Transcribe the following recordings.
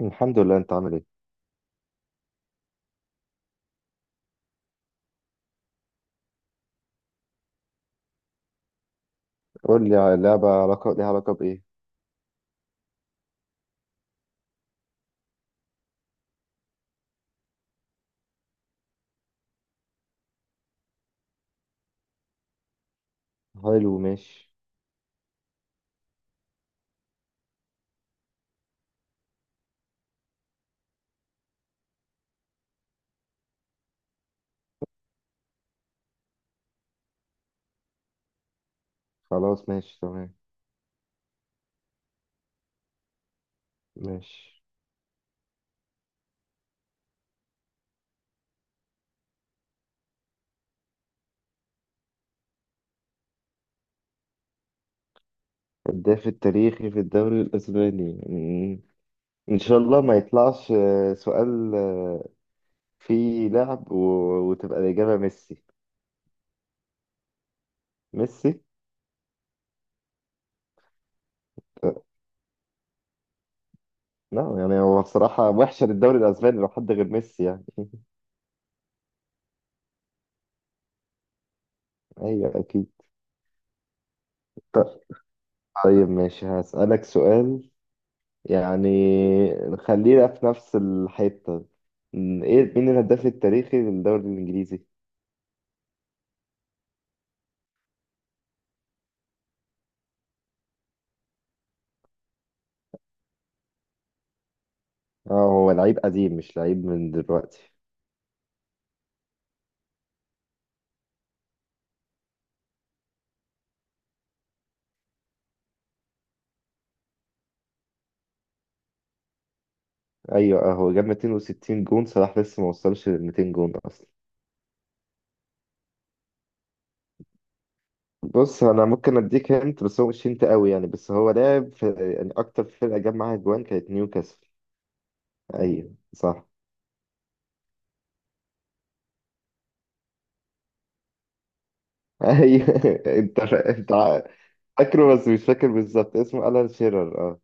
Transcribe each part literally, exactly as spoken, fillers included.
الحمد لله، انت عامل ايه؟ قول لي على لعبة علاقة ليها علاقة بإيه. حلو، ماشي. خلاص، ماشي تمام. ماشي، هداف التاريخي في الدوري الأسباني. مم. إن شاء الله ما يطلعش آه، سؤال. آه، فيه لعب و... وتبقى الإجابة ميسي. ميسي. آه، لا يعني هو بصراحة وحشة للدوري الأسباني لو حد غير ميسي يعني. أيوة أكيد. طيب ماشي، هسألك سؤال. يعني خلينا في نفس الحتة. م، ايه، مين الهداف التاريخي للدوري الإنجليزي؟ اه، هو لعيب قديم مش لعيب من دلوقتي. ايوه، اه هو جاب ميتين وستين جون. صلاح لسه ما وصلش لل ميتين جون اصلا. بص، انا ممكن اديك هنت بس هو مش هنت قوي يعني. بس هو لعب في، يعني اكتر فرقة جاب معاها جوان كانت نيوكاسل. ايوه صح. ايوه، انت انت فاكره بس مش فاكر بالظبط اسمه. ألان شيرر، اه.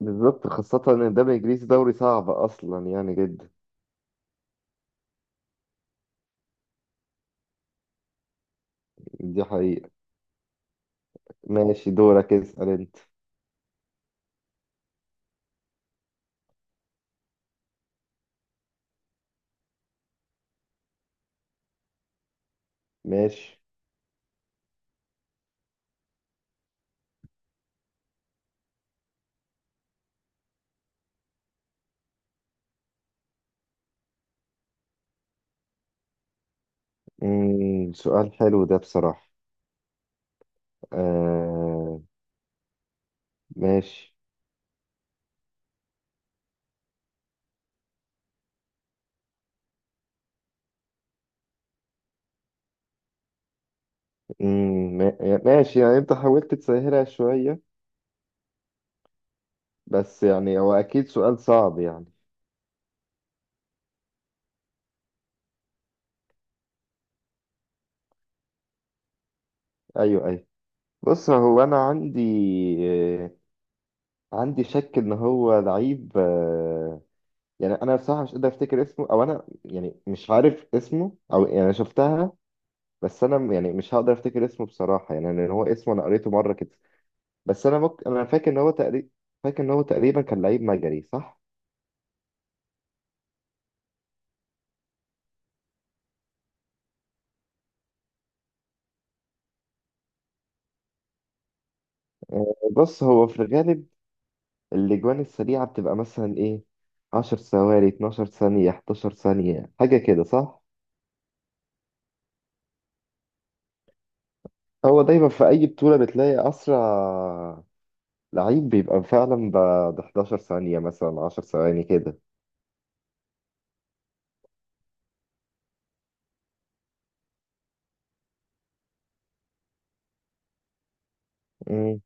بالظبط، خاصة إن الدوري الإنجليزي دوري صعب أصلا يعني جدا. دي حقيقة. ماشي، دورك اسأل انت. ماشي. مم. سؤال حلو ده بصراحة. آه. ماشي. مم. ما- ماشي، يعني انت حاولت تسهلها شوية بس يعني هو اكيد سؤال صعب يعني. ايوه ايوه. بص هو انا عندي، آه، عندي شك ان هو لعيب آه، يعني انا بصراحة مش قادر افتكر اسمه، او انا يعني مش عارف اسمه، او يعني شفتها. بس انا يعني مش هقدر افتكر اسمه بصراحة يعني، لان هو اسمه انا قريته مرة كده. بس انا ممكن انا فاكر ان هو تقريبا، فاكر ان هو تقريبا كان لعيب مجري، صح؟ آه، بص هو في الغالب الاجوان السريعه بتبقى مثلا ايه، عشر ثواني، اتناشر ثانيه، إحدى عشرة ثانيه، حاجه كده صح. هو دايما في اي بطوله بتلاقي اسرع لعيب بيبقى فعلا ب حداشر ثانيه، مثلا عشر ثواني كده. مم.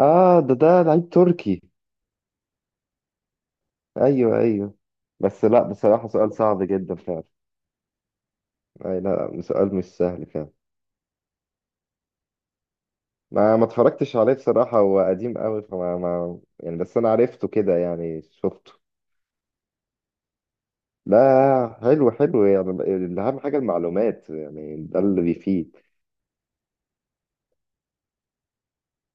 اه، ده ده لعيب تركي. ايوه ايوه. بس لا بصراحه، سؤال صعب جدا فعلا. أي لا، سؤال مش سهل فعلا. ما ما اتفرجتش عليه بصراحة، هو قديم قوي فما ما يعني، بس أنا عرفته كده يعني، شفته. لا حلو حلو، يعني ال- أهم حاجة المعلومات يعني، ده اللي بيفيد.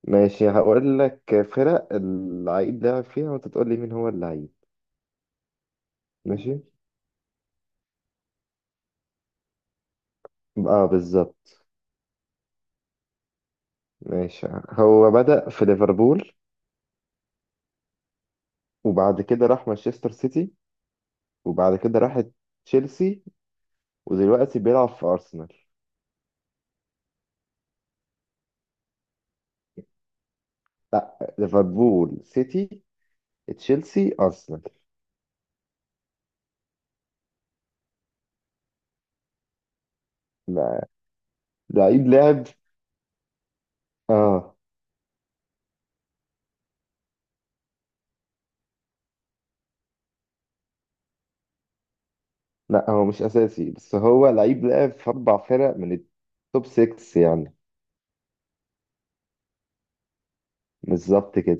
ماشي، هقول لك فرق اللعيب لعب فيها وأنت تقول لي مين هو اللعيب. ماشي. اه بالظبط. ماشي، هو بدأ في ليفربول، وبعد كده راح مانشستر سيتي، وبعد كده راح تشيلسي، ودلوقتي بيلعب في أرسنال. لا، ليفربول، سيتي، تشيلسي، أرسنال. لعيب لعب اه لا، هو مش اساسي بس هو لعيب لعب في اربع فرق من التوب ستة يعني. بالظبط كده.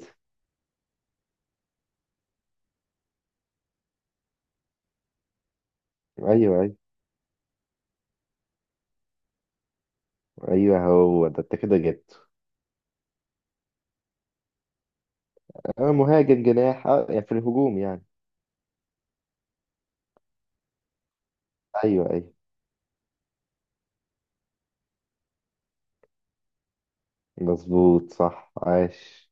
ايوه ايوه. ايوه هو ده، انت كده جبته. آه مهاجم جناح، آه يعني في الهجوم يعني. ايوه ايوه. مظبوط، صح، عاش.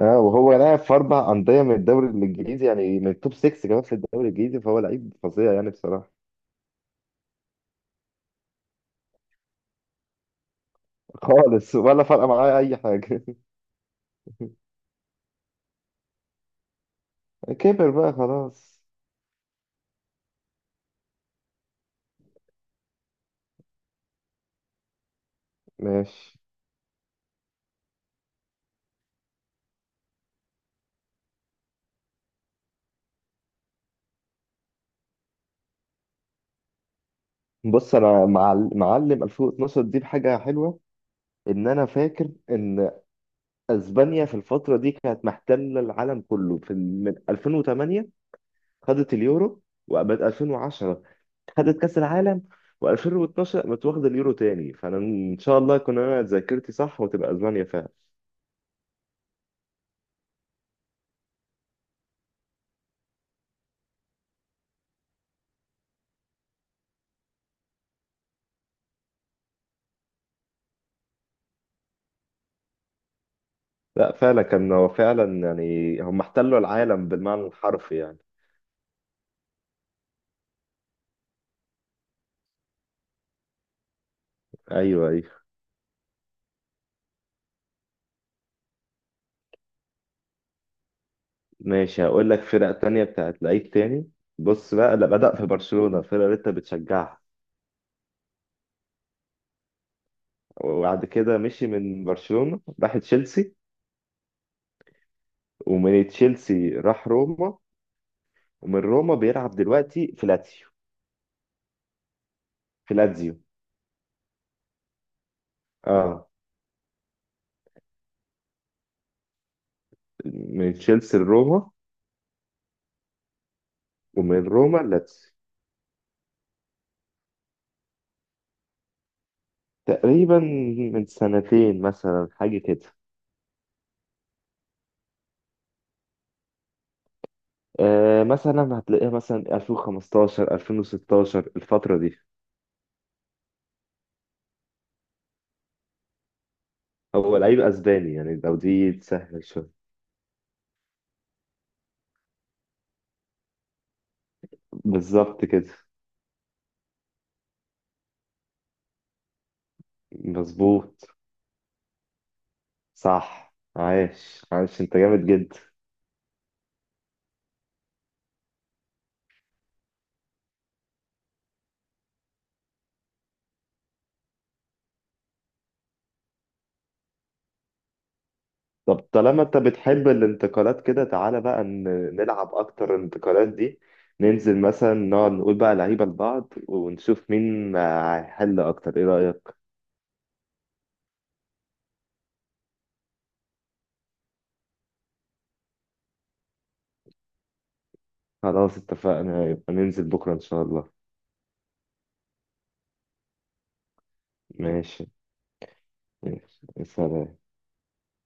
اه، وهو لاعب في اربع انديه من الدوري الانجليزي يعني، من التوب ستة كمان في الدوري الانجليزي، فهو لعيب فظيع يعني بصراحه. خالص، ولا فارقه معاه اي حاجه. كبر بقى خلاص. ماشي. بص انا معل- معلم ألفين واتناشر دي بحاجه حلوه. ان انا فاكر ان اسبانيا في الفتره دي كانت محتله العالم كله في ال- من ألفين وتمانية خدت اليورو، وبعد ألفين وعشرة خدت كاس العالم، و2012 قامت واخده اليورو تاني. فانا ان شاء الله يكون انا ذاكرتي صح وتبقى اسبانيا فعلا. لا فعلا، كان هو فعلا يعني، هم احتلوا العالم بالمعنى الحرفي يعني. ايوه ايوه. ماشي، هقول لك فرق تانية بتاعت لعيب تاني. بص بقى، لا، بدأ في برشلونة، فرقة اللي انت بتشجعها. وبعد كده مشي من برشلونة راح تشيلسي. ومن تشيلسي راح روما. ومن روما بيلعب دلوقتي في لاتسيو. في لاتسيو. اه، من تشيلسي لروما، ومن روما لاتسيو. تقريبا من سنتين، مثلا حاجة كده. آه، مثلا هتلاقيها مثلا ألفين وخمستاشر، ألفين وستاشر، الفترة دي. هو لعيب اسباني يعني، لو دي تسهل شوية. بالظبط كده. مظبوط، صح، عايش عايش، انت جامد جدا. طب طالما انت بتحب الانتقالات كده، تعالى بقى ن- نلعب اكتر الانتقالات دي. ننزل مثلا، نقعد نقول بقى لعيبة لبعض ونشوف مين هيحل اكتر، ايه رأيك؟ خلاص اتفقنا، يبقى ننزل بكرة ان شاء الله. ماشي. ماشي، سلام.